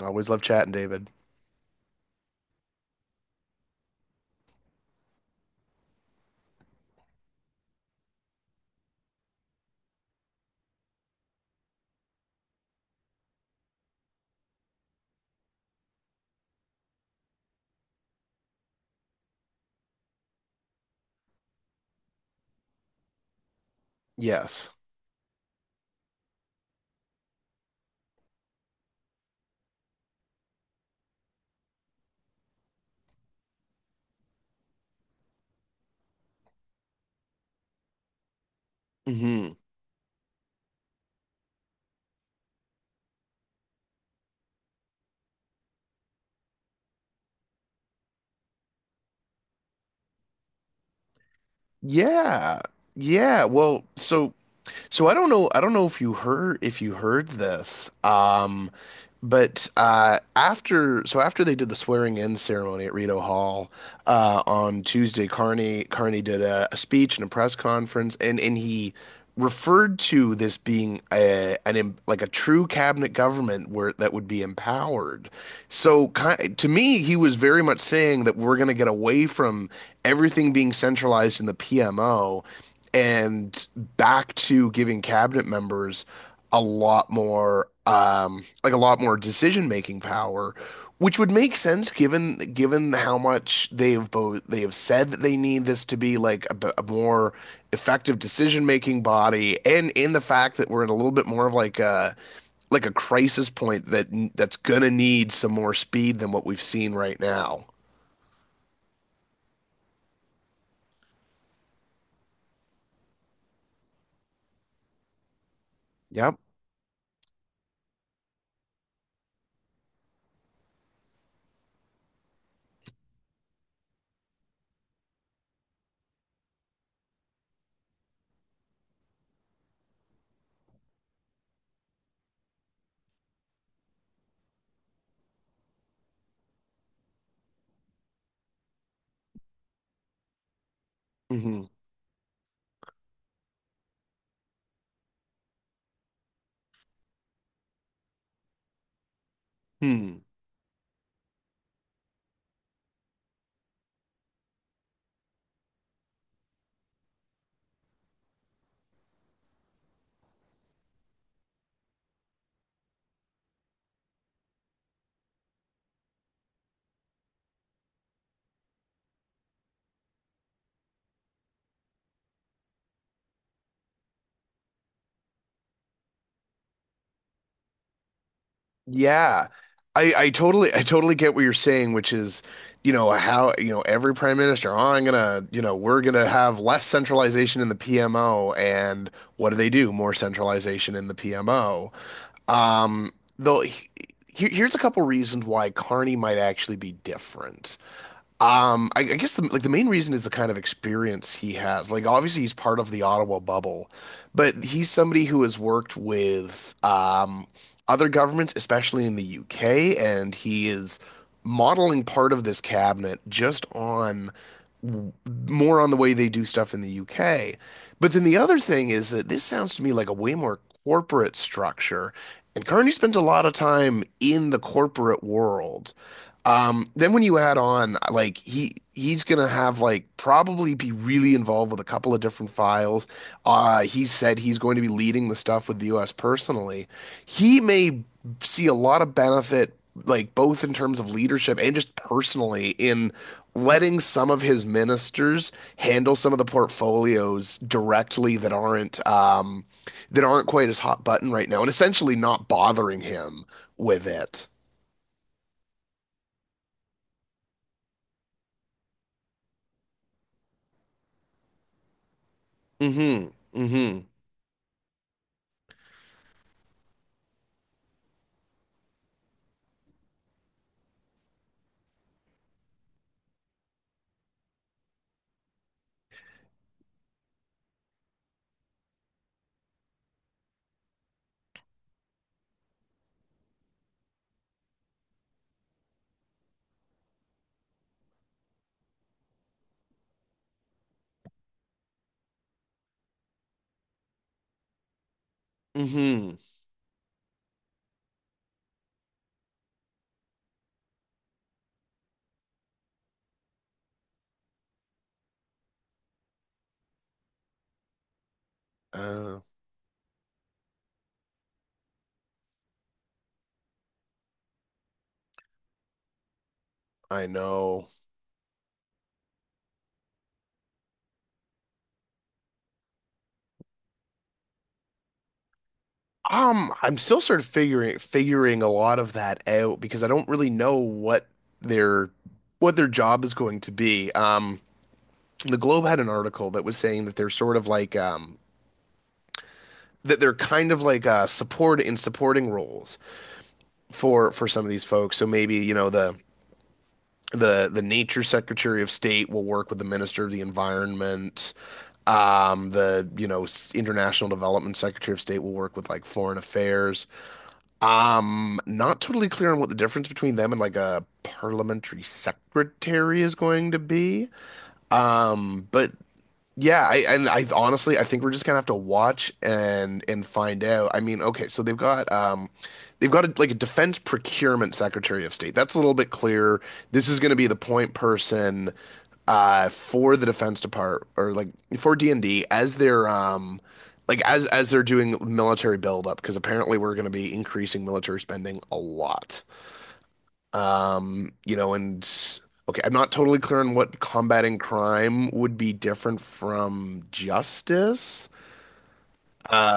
I always love chatting, David. Yes. Hmm. Yeah. Yeah. Well, so I don't know if you heard this. But after so after they did the swearing in ceremony at Rito Hall on Tuesday, Carney did a speech and a press conference and he referred to this being like a true cabinet government where that would be empowered. So to me, he was very much saying that we're going to get away from everything being centralized in the PMO and back to giving cabinet members a lot more like a lot more decision making power, which would make sense given how much they have said that they need this to be like a more effective decision making body, and in the fact that we're in a little bit more of like a crisis point that's gonna need some more speed than what we've seen right now. Yep. Hmm. Hmm. Yeah. I totally get what you're saying, which is, how every prime minister, oh, I'm gonna, we're gonna have less centralization in the PMO, and what do they do? More centralization in the PMO. Um, though, here's a couple reasons why Carney might actually be different. I guess like the main reason is the kind of experience he has. Like obviously he's part of the Ottawa bubble, but he's somebody who has worked with other governments, especially in the UK, and he is modeling part of this cabinet just on more on the way they do stuff in the UK. But then the other thing is that this sounds to me like a way more corporate structure, and Carney spent a lot of time in the corporate world. Then when you add on, like he's gonna have like probably be really involved with a couple of different files. He said he's going to be leading the stuff with the US personally. He may see a lot of benefit, like both in terms of leadership and just personally, in letting some of his ministers handle some of the portfolios directly that aren't quite as hot button right now, and essentially not bothering him with it. Hmm. Hmm. Mm-hmm. Uh, I know. I'm still sort of figuring a lot of that out because I don't really know their what their job is going to be. The Globe had an article that was saying that they're sort of like that they're kind of like supporting roles for some of these folks. So maybe, the nature secretary of state will work with the minister of the environment. The, you know, s- international development secretary of state will work with like foreign affairs. Not totally clear on what the difference between them and like a parliamentary secretary is going to be. But yeah, I and I honestly I think we're just gonna have to watch and find out. I mean, okay, so they've got like a defense procurement secretary of state. That's a little bit clearer. This is gonna be the point person for the defense department or like for D&D as they're like as they're doing military buildup because apparently we're gonna be increasing military spending a lot. And okay, I'm not totally clear on what combating crime would be different from justice. Uh,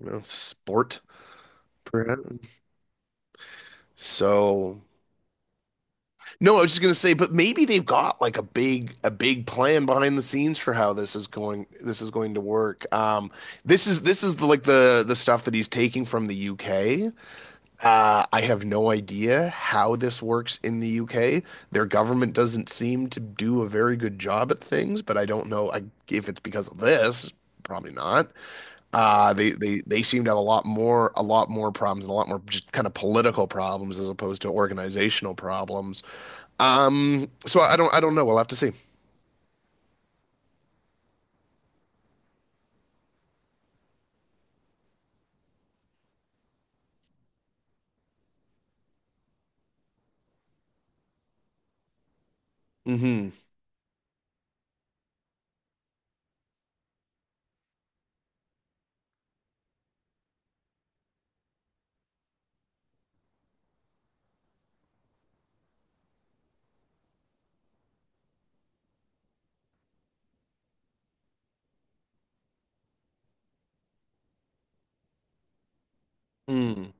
sport, perhaps. So, no, I was just gonna say, but maybe they've got like a big plan behind the scenes for how this is going to work. This is the, like the stuff that he's taking from the UK. I have no idea how this works in the UK. Their government doesn't seem to do a very good job at things, but I don't know I, if it's because of this. Probably not. They seem to have a lot more problems and a lot more just kind of political problems as opposed to organizational problems. So I don't know. We'll have to see. Hmm. Hmm.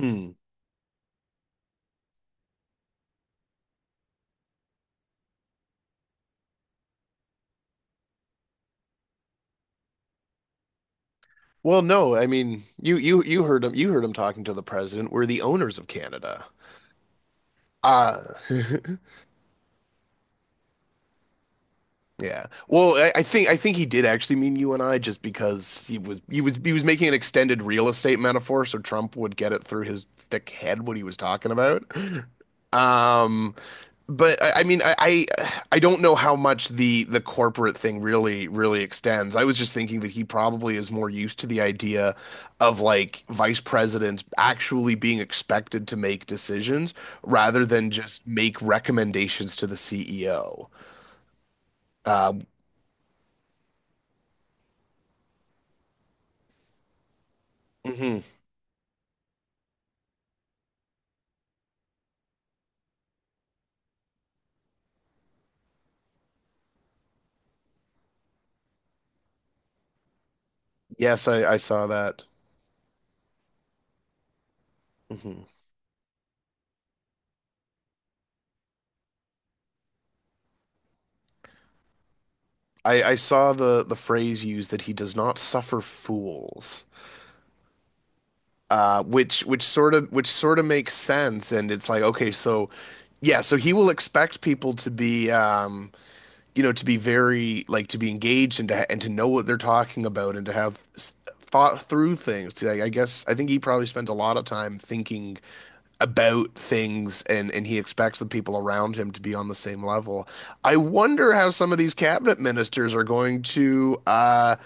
Hmm. Well, no, I mean you heard him talking to the president. We're the owners of Canada. Uh Yeah. Well, I think he did actually mean you and I just because he was making an extended real estate metaphor so Trump would get it through his thick head what he was talking about. Um, but I mean I don't know how much the corporate thing really really extends. I was just thinking that he probably is more used to the idea of like vice presidents actually being expected to make decisions rather than just make recommendations to the CEO. Um, mhm. Yes, I saw that. Hmm. I saw the phrase used that he does not suffer fools, which sort of makes sense. And it's like, okay, so he will expect people to be very like to be engaged and to know what they're talking about and to have thought through things like, I think he probably spent a lot of time thinking about things and he expects the people around him to be on the same level. I wonder how some of these cabinet ministers are going to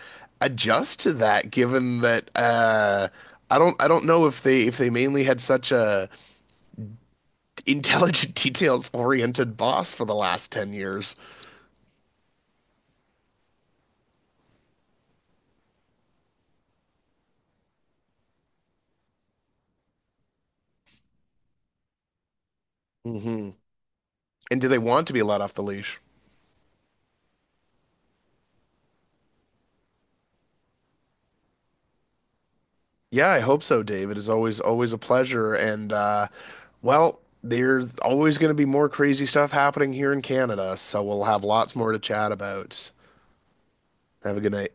adjust to that given that I don't know if they mainly had such a intelligent details oriented boss for the last 10 years. Hmm. And do they want to be let off the leash? Yeah, I hope so, Dave. It is always always a pleasure. And well, there's always going to be more crazy stuff happening here in Canada, so we'll have lots more to chat about. Have a good night.